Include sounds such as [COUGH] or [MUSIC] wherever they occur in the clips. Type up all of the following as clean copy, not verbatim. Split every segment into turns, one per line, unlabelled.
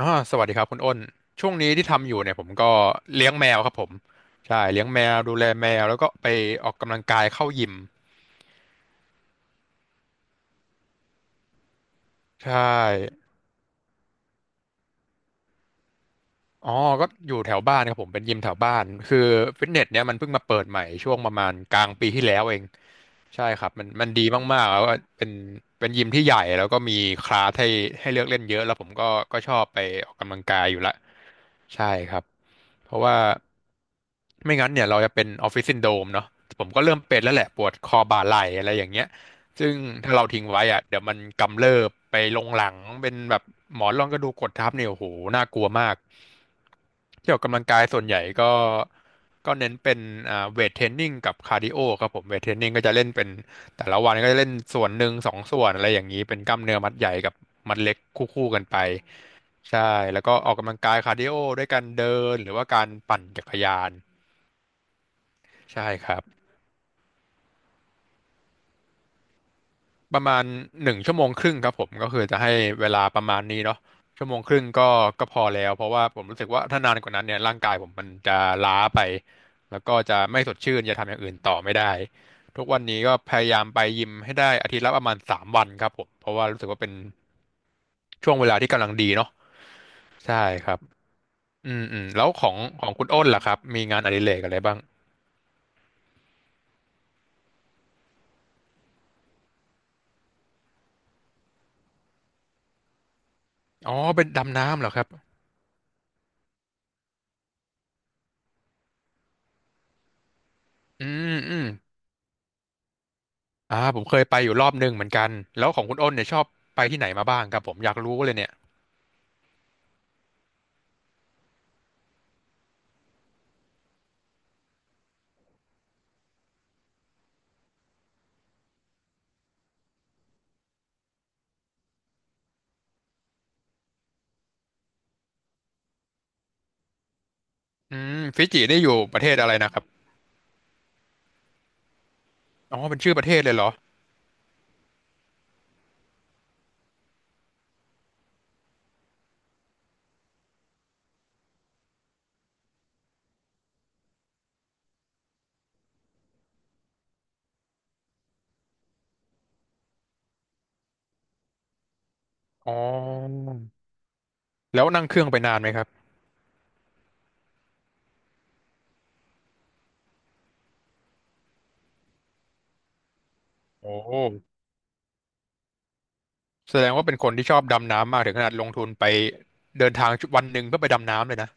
อ่าสวัสดีครับคุณอ้นช่วงนี้ที่ทำอยู่เนี่ยผมก็เลี้ยงแมวครับผมใช่เลี้ยงแมวดูแลแมวแล้วก็ไปออกกำลังกายเข้ายิมใช่ อ๋อก็อยู่แถวบ้านครับผมเป็นยิมแถวบ้านคือฟิตเนสเนี้ยมันเพิ่งมาเปิดใหม่ช่วงประมาณกลางปีที่แล้วเองใช่ครับมันดีมากๆแล้วก็เป็นเป็นยิมที่ใหญ่แล้วก็มีคลาสให้เลือกเล่นเยอะแล้วผมก็ชอบไปออกกำลังกายอยู่ละใช่ครับเพราะว่าไม่งั้นเนี่ยเราจะเป็นออฟฟิศซินโดรมเนาะผมก็เริ่มเป็นแล้วแหละปวดคอบ่าไหล่อะไรอย่างเงี้ย ซึ่งถ้าเราทิ้งไว้อะเดี๋ยวมันกำเริบไปลงหลังเป็นแบบหมอนรองกระดูกกดทับเนี่ยโอ้โหน่ากลัวมากที่ออกกำลังกายส่วนใหญ่ก็ก็เน้นเป็นเวทเทรนนิ่งกับคาร์ดิโอครับผมเวทเทรนนิ่งก็จะเล่นเป็นแต่ละวันก็จะเล่นส่วนหนึ่งสองส่วนอะไรอย่างนี้เป็นกล้ามเนื้อมัดใหญ่กับมัดเล็กคู่ๆกันไปใช่แล้วก็ออกกำลังกายคาร์ดิโอด้วยการเดินหรือว่าการปั่นจักรยานใช่ครับ ประมาณหนึ่งชั่วโมงครึ่งครับผมก็คือจะให้เวลาประมาณนี้เนาะชั่วโมงครึ่งก็ก็พอแล้วเพราะว่าผมรู้สึกว่าถ้านานกว่านั้นเนี่ยร่างกายผมมันจะล้าไปแล้วก็จะไม่สดชื่นจะทำอย่างอื่นต่อไม่ได้ทุกวันนี้ก็พยายามไปยิมให้ได้อาทิตย์ละประมาณสามวันครับผมเพราะว่ารู้สึกว่าเป็นช่วงเวลาที่กำลังดีเนาะใช่ครับอืมอืมแล้วของคุณอ้นล่ะครับมีงานอดิเรกอะไรบ้างอ๋อเป็นดำน้ำเหรอครับอืมอืม ผมเคยไปอยู่รอบหนึ่งเหมือนกันแล้วของคุณอ้นเนี่ยชอบไปที่ไหนมาบ้างครับผมอยากรู้เลยเนี่ยอืมฟิจินี่อยู่ประเทศอะไรนะครับอ๋อเป็นชื่อประเทศเลยเหรออ๋อแล้วนั่งเครื่องไปนานไหมครับโอ้แสดงว่าเป็นคนที่ชอบดำน้ำมากถึงขนาดลงทุนไปเดินทางวันหนึ่งเพื่อไปดำน้ำเลยนะ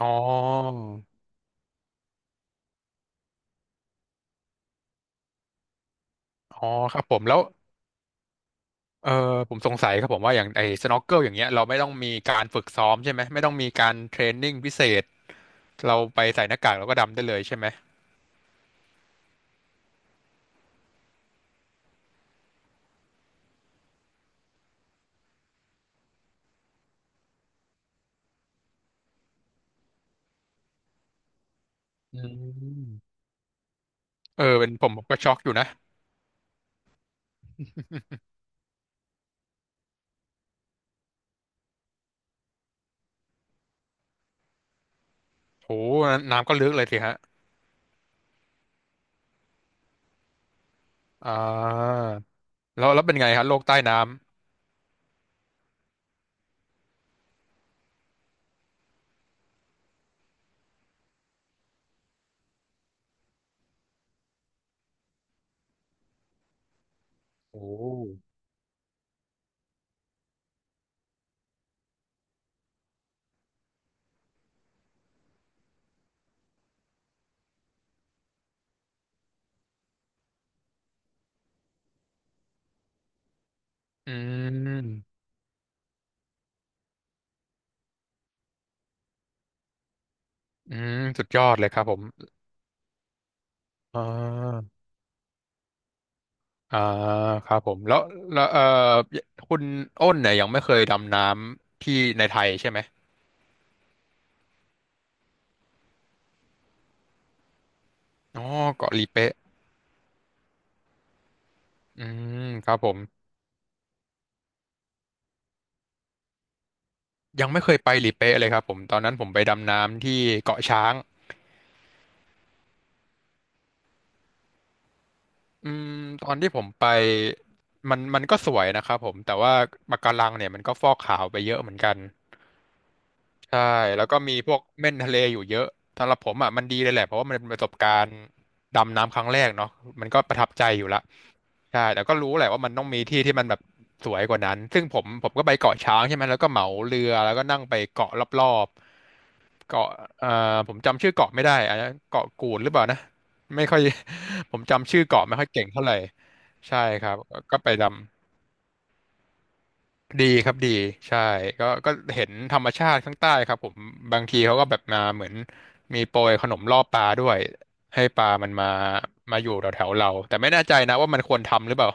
อ๋ออ๋อครับผมแล้วเออผมสงสัยครับผมว่าอย่างไอ้สน็อกเกิลอย่างเงี้ยเราไม่ต้องมีการฝึกซ้อมใช่ไหมไม่ต้องมีการเทรนนิ่งพิเศษเราไปใส่หน้ากากแล้วก็ดำได้เลยใช่ไหมอืม เป็นผมก็ช็อกอยู่นะโหน้ำก็ลึกเลยสิฮะอ่าแล้วเป็นไงฮะโลกใต้น้ำโอ้ำอืมอืมสุดยอดเลยครับผมอ่าอ่าครับผมแล้วแล้วคุณอ้นเนี่ยยังไม่เคยดำน้ำที่ในไทยใช่ไหมอ๋อเกาะลีเป๊ะอืมครับผมยังไม่เคยไปลีเป๊ะเลยครับผมตอนนั้นผมไปดำน้ำที่เกาะช้าง อืมตอนที่ผมไปมันก็สวยนะครับผมแต่ว่าปะการังเนี่ยมันก็ฟอกขาวไปเยอะเหมือนกัน ใช่แล้วก็มีพวกเม่นทะเลอยู่เยอะสำหรับผมอ่ะมันดีเลยแหละเพราะว่ามันเป็นประสบการณ์ดำน้ำครั้งแรกเนาะมันก็ประทับใจอยู่ละใช่แต่ก็รู้แหละว่ามันต้องมีที่ที่มันแบบสวยกว่านั้นซึ่งผมก็ไปเกาะช้างใช่ไหมแล้วก็เหมาเรือแล้วก็นั่งไปเกาะรอบๆเกาะเอ่อผมจำชื่อเกาะไม่ได้อันนั้นเกาะกูดหรือเปล่านะไม่ค่อย [LAUGHS] ผมจำชื่อเกาะไม่ค่อยเก่งเท่าไหร่ใช่ครับก็ไปดำ ดีครับดีใช่ก็ก็เห็นธรรมชาติข้างใต้ครับผมบางทีเขาก็แบบมาเหมือนมีโปรยขนมล่อปลาด้วยให้ปลามันมามาอยู่แถวแถวเราแต่ไม่แน่ใจนะว่ามันควรทำหรือเปล่า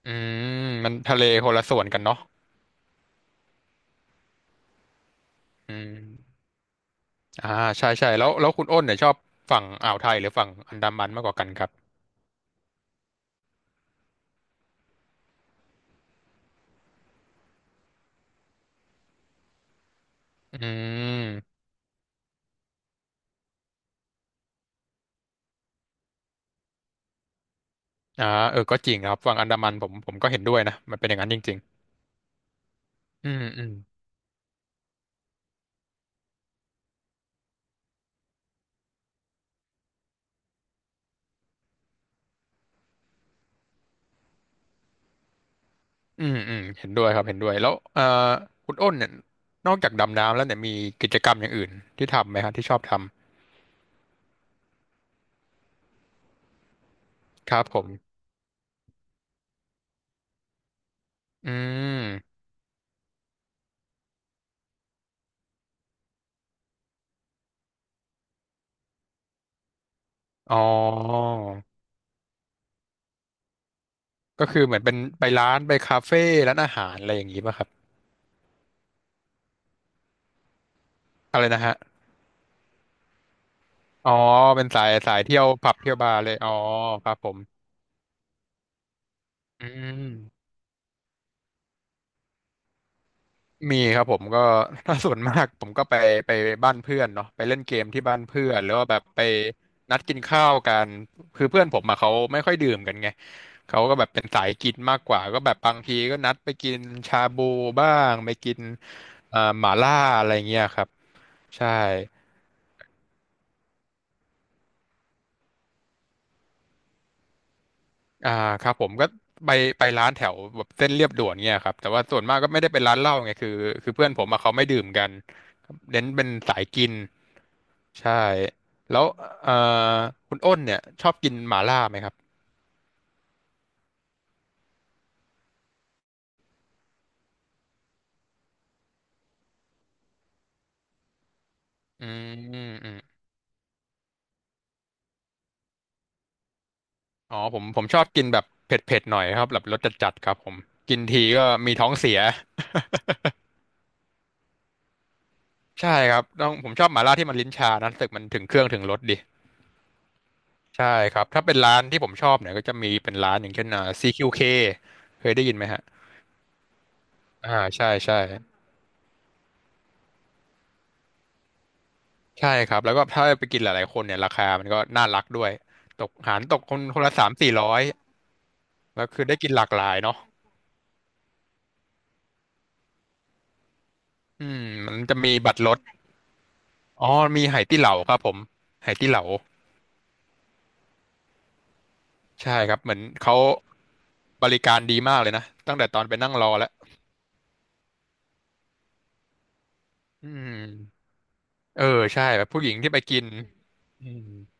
[LAUGHS] อืมมันทะเลคนละส่วนกันเนาะอืมอ่าใช่ใช่แล้วคุณอ้นเนี่ยชอบฝั่งอ่าวไทยหรือฝั่งอันดามันมากกว่ากันครับอืมอ่าก็จริงนะครับฝั่งอันดามันผมก็เห็นด้วยนะมันเป็นอย่างนั้นจริงๆอืมอืม อืมอืมเห็นด้วยครับเห็นด้วยแล้วคุณอ้นเนี่ยนอกจากดำน้ำแล้วเนี่ยมีกิจกรรมอย่างอื่นที่ทำไหมฮะที่ชอบทำครับผมอืมอ๋อก็คือเหมือนเป็นไปร้านไปคาเฟ่ร้านอาหารอะไรอย่างงี้ป่ะครับอะไรนะฮะอ๋อเป็นสายสายเที่ยวผับเที่ยวบาร์เลยอ๋อครับผมอืม มีครับผมก็ [LAUGHS] ถ้าส่วนมากผมก็ไปบ้านเพื่อนเนาะไปเล่นเกมที่บ้านเพื่อนหรือว่าแบบไปนัดกินข้าวกันคือเพื่อนผมอะเขาไม่ค่อยดื่มกันไงเขาก็แบบเป็นสายกินมากกว่าก็แบบบางทีก็นัดไปกินชาบูบ้างไปกินหม่าล่าอะไรเงี้ยครับใช่อ่าครับผมก็ไปไปร้านแถวแบบเส้นเรียบด่วนเงี้ยครับแต่ว่าส่วนมากก็ไม่ได้เป็นร้านเหล้าไงคือเพื่อนผมอะเขาไม่ดื่มกันเน้นเป็นสายกิน ใช่แล้วเอ่อคุณอ้นเนี่ยชอบกินหม่าล่าไหมครับอืมอืมอ๋อผมชอบกินแบบเผ็ดๆหน่อยครับแบบรสจัดๆครับผมกินทีก็มีท้องเสียใช่ครับต้องผมชอบหม่าล่าที่มันลิ้นชานะรู้สึกมันถึงเครื่องถึงรสดีใช่ครับถ้าเป็นร้านที่ผมชอบเนี่ยก็จะมีเป็นร้านอย่างเช่นCQK เคเคยได้ยินไหมฮะอ่าใช่ใช่ใช่ครับแล้วก็ถ้าไปกินหลายๆคนเนี่ยราคามันก็น่ารักด้วยตกหารตกคนละ3-400แล้วคือได้กินหลากหลายเนาะ อืมมันจะมีบัตรรถอ๋อมีไหตี้เหลาครับผมไหตี้เหลาใช่ครับเหมือนเขาบริการดีมากเลยนะตั้งแต่ตอนไปนั่งรอแล้วอืมเออใช่แบบผู้หญิงที่ไปกินอืม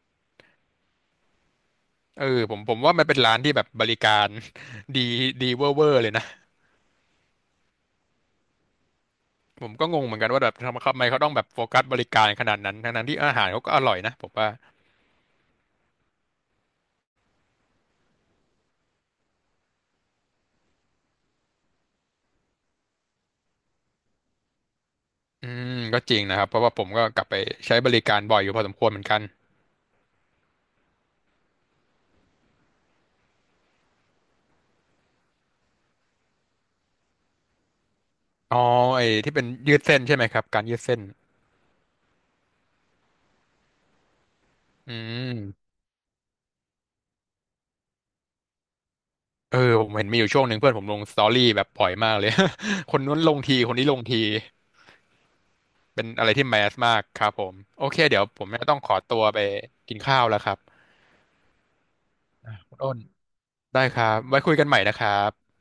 เออผมว่ามันเป็นร้านที่แบบบริการ [LAUGHS] ดีดีเวอร์เลยนะผมก็งงเหมือนกันว่าแบบทำไมเขาต้องแบบโฟกัสบริการขนาดนั้นทั้งๆที่อาหารเขาก็อร่อยนะผมว่าอืมก็จริงนะครับเพราะว่าผมก็กลับไปใช้บริการบ่อยอยู่พอสมควรเหมือนกันอ๋อไอ้ที่เป็นยืดเส้นใช่ไหมครับการยืดเส้น อืมเออผมเห็นมีอยู่ช่วงหนึ่งเพื่อนผมลงสตอรี่แบบบ่อยมากเลย [LAUGHS] คนนู้นลงทีคนนี้ลงทีเป็นอะไรที่แมสมากครับผมโอเคเดี๋ยวผมจะต้องขอตัวไปกินข้าวแล้วครับอ่ะคุณอ้นได้ครับไว้คุยกันใหม่นะครับ